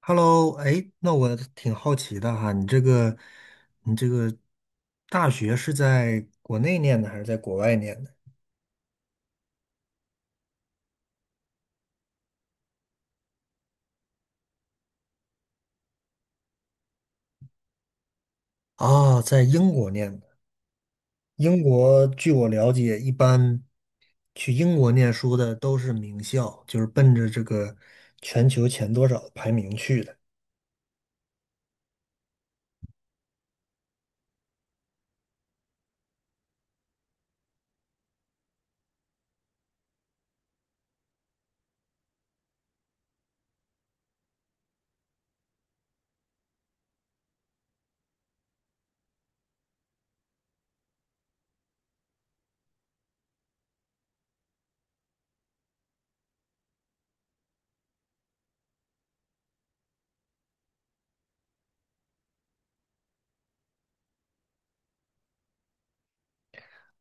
Hello，哎，那我挺好奇的哈，你这个大学是在国内念的还是在国外念的？啊，在英国念的。英国据我了解，一般去英国念书的都是名校，就是奔着这个全球前多少的排名去的。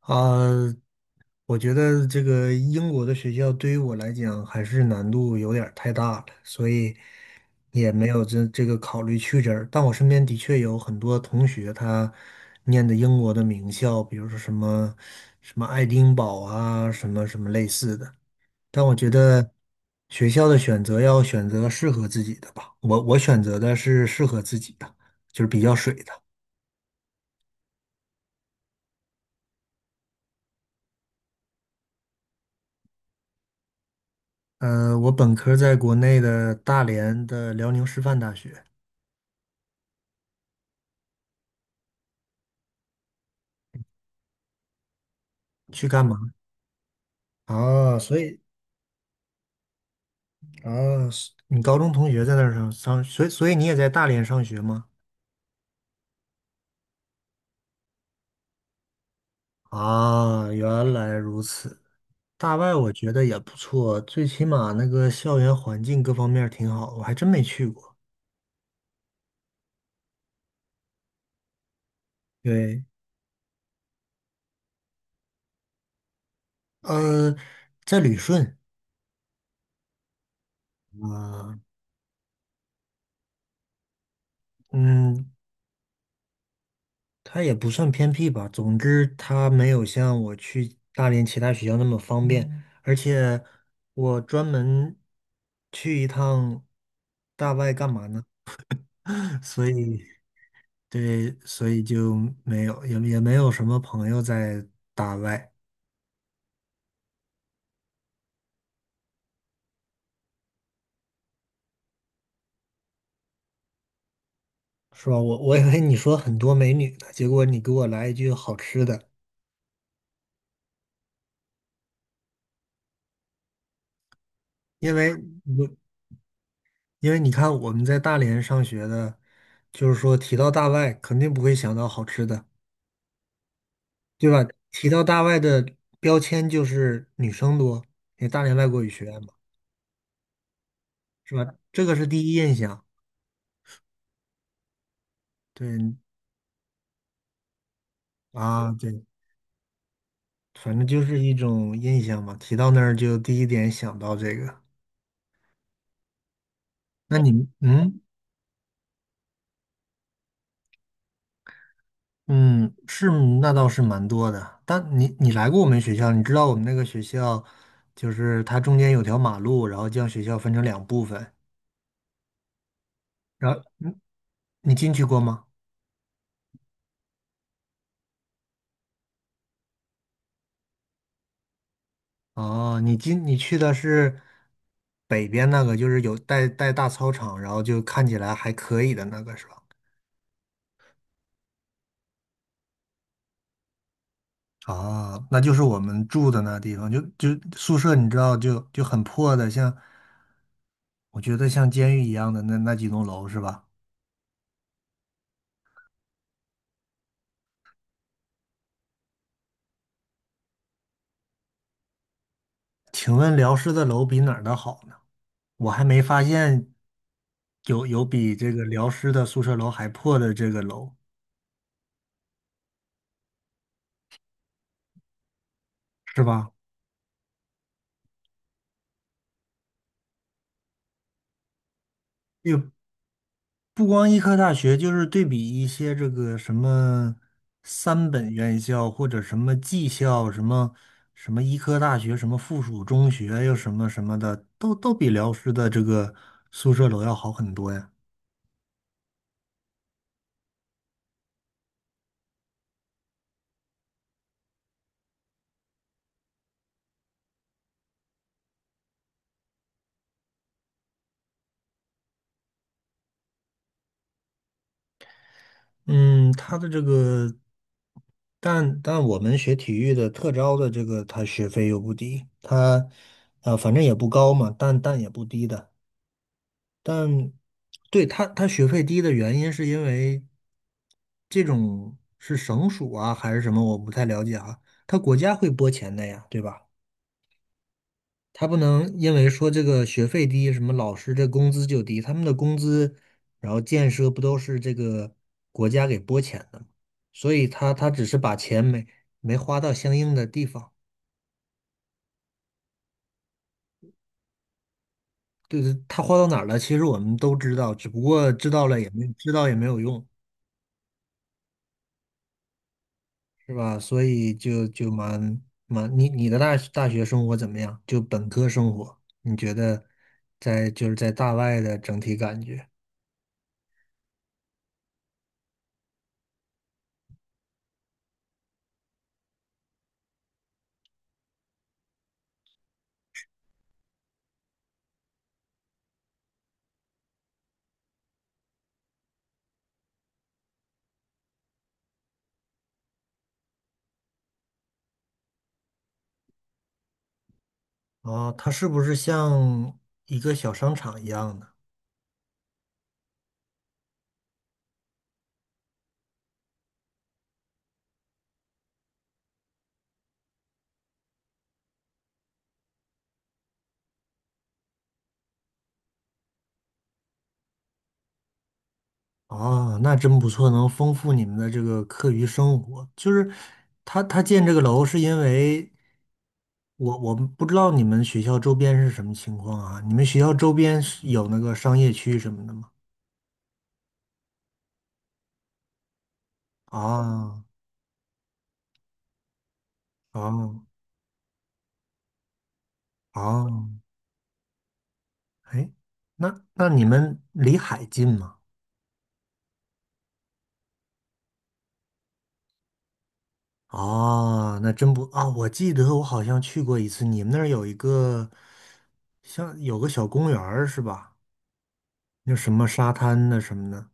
啊，我觉得这个英国的学校对于我来讲还是难度有点儿太大了，所以。也没有这个考虑去这儿，但我身边的确有很多同学，他念的英国的名校，比如说什么什么爱丁堡啊，什么什么类似的。但我觉得学校的选择要选择适合自己的吧。我选择的是适合自己的，就是比较水的。我本科在国内的大连的辽宁师范大学去干嘛？啊，所以啊，是你高中同学在那儿上，所以你也在大连上学吗？啊，原来如此。大外我觉得也不错，最起码那个校园环境各方面儿挺好，我还真没去过。对，呃，在旅顺啊，嗯，它也不算偏僻吧。总之，它没有像我去大连其他学校那么方便，而且我专门去一趟大外干嘛呢？所以，对，所以就没有，也没有什么朋友在大外。是吧？我以为你说很多美女呢，结果你给我来一句好吃的，因为我因为你看我们在大连上学的，就是说提到大外肯定不会想到好吃的，对吧？提到大外的标签就是女生多，因为大连外国语学院嘛，是吧？这个是第一印象，对啊，对，反正就是一种印象嘛。提到那儿就第一点想到这个。那你嗯。嗯，是，那倒是蛮多的。但你来过我们学校，你知道我们那个学校，就是它中间有条马路，然后将学校分成两部分。然后你进去过吗？哦，你去的是北边那个，就是有带大操场，然后就看起来还可以的那个，是吧？啊，那就是我们住的那地方，就宿舍，你知道就很破的，像我觉得像监狱一样的那几栋楼是吧？请问辽师的楼比哪儿的好呢？我还没发现有比这个辽师的宿舍楼还破的这个楼，是吧？也不光医科大学，就是对比一些这个什么三本院校或者什么技校，什么什么医科大学，什么附属中学，又什么什么的，都比辽师的这个宿舍楼要好很多呀。嗯，他的这个，但我们学体育的特招的这个，他学费又不低，他反正也不高嘛，但也不低的。但对他学费低的原因是因为这种是省属啊还是什么，我不太了解啊，他国家会拨钱的呀，对吧？他不能因为说这个学费低，什么老师这工资就低，他们的工资，然后建设不都是这个国家给拨钱的吗？所以他只是把钱没花到相应的地方，对，他花到哪儿了，其实我们都知道，只不过知道了也没知道也没有用，是吧？所以就蛮蛮，你的大学生活怎么样？就本科生活，你觉得在就是在大外的整体感觉？哦，它是不是像一个小商场一样的？哦，那真不错，能丰富你们的这个课余生活。就是他建这个楼是因为我们不知道你们学校周边是什么情况啊？你们学校周边是有那个商业区什么的吗？哦哦哦，哎，那你们离海近吗？哦，那真不啊，我记得我好像去过一次，你们那儿有一个像有个小公园儿是吧？那什么沙滩的什么的，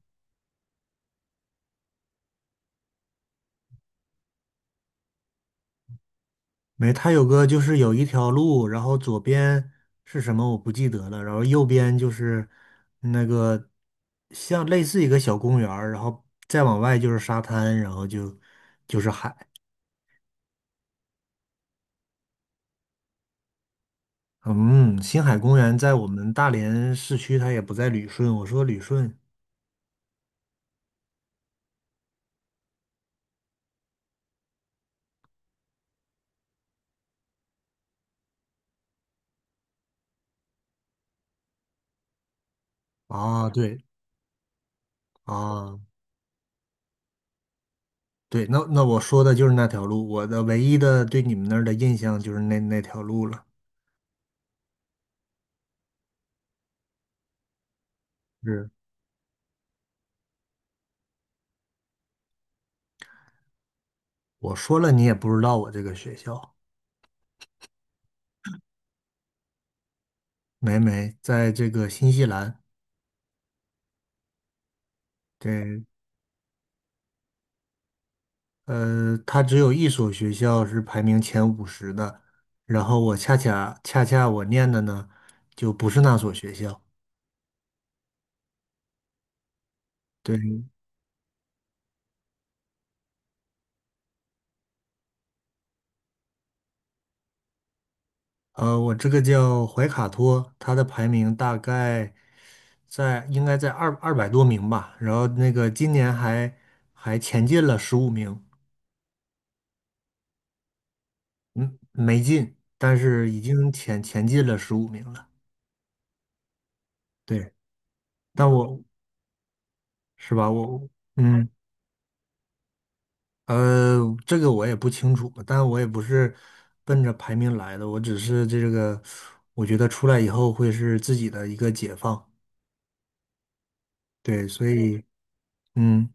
没，它有个就是有一条路，然后左边是什么我不记得了，然后右边就是那个像类似一个小公园儿然后再往外就是沙滩，然后就是海。嗯，星海公园在我们大连市区，它也不在旅顺。我说旅顺啊，对啊，对，那我说的就是那条路，我的唯一的对你们那儿的印象就是那条路了。是，我说了你也不知道我这个学校。没没，在这个新西兰，对，它只有一所学校是排名前50的，然后我恰恰我念的呢，就不是那所学校，对，我这个叫怀卡托，它的排名大概应该在二百多名吧，然后那个今年还前进了十五名，嗯，没进，但是已经前进了十五名了，对，但我是吧，我嗯。呃，这个我也不清楚，但我也不是奔着排名来的，我只是这个，我觉得出来以后会是自己的一个解放，对，所对以，嗯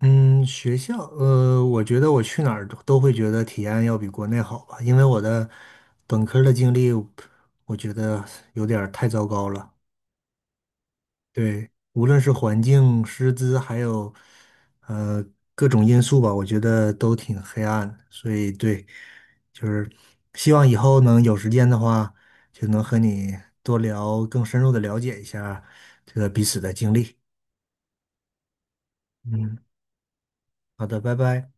嗯，学校，我觉得我去哪儿都会觉得体验要比国内好吧，因为我的本科儿的经历，我觉得有点儿太糟糕了。对，无论是环境、师资，还有呃各种因素吧，我觉得都挺黑暗的所以对，就是希望以后能有时间的话，就能和你多聊，更深入的了解一下这个彼此的经历。嗯，好的，拜拜。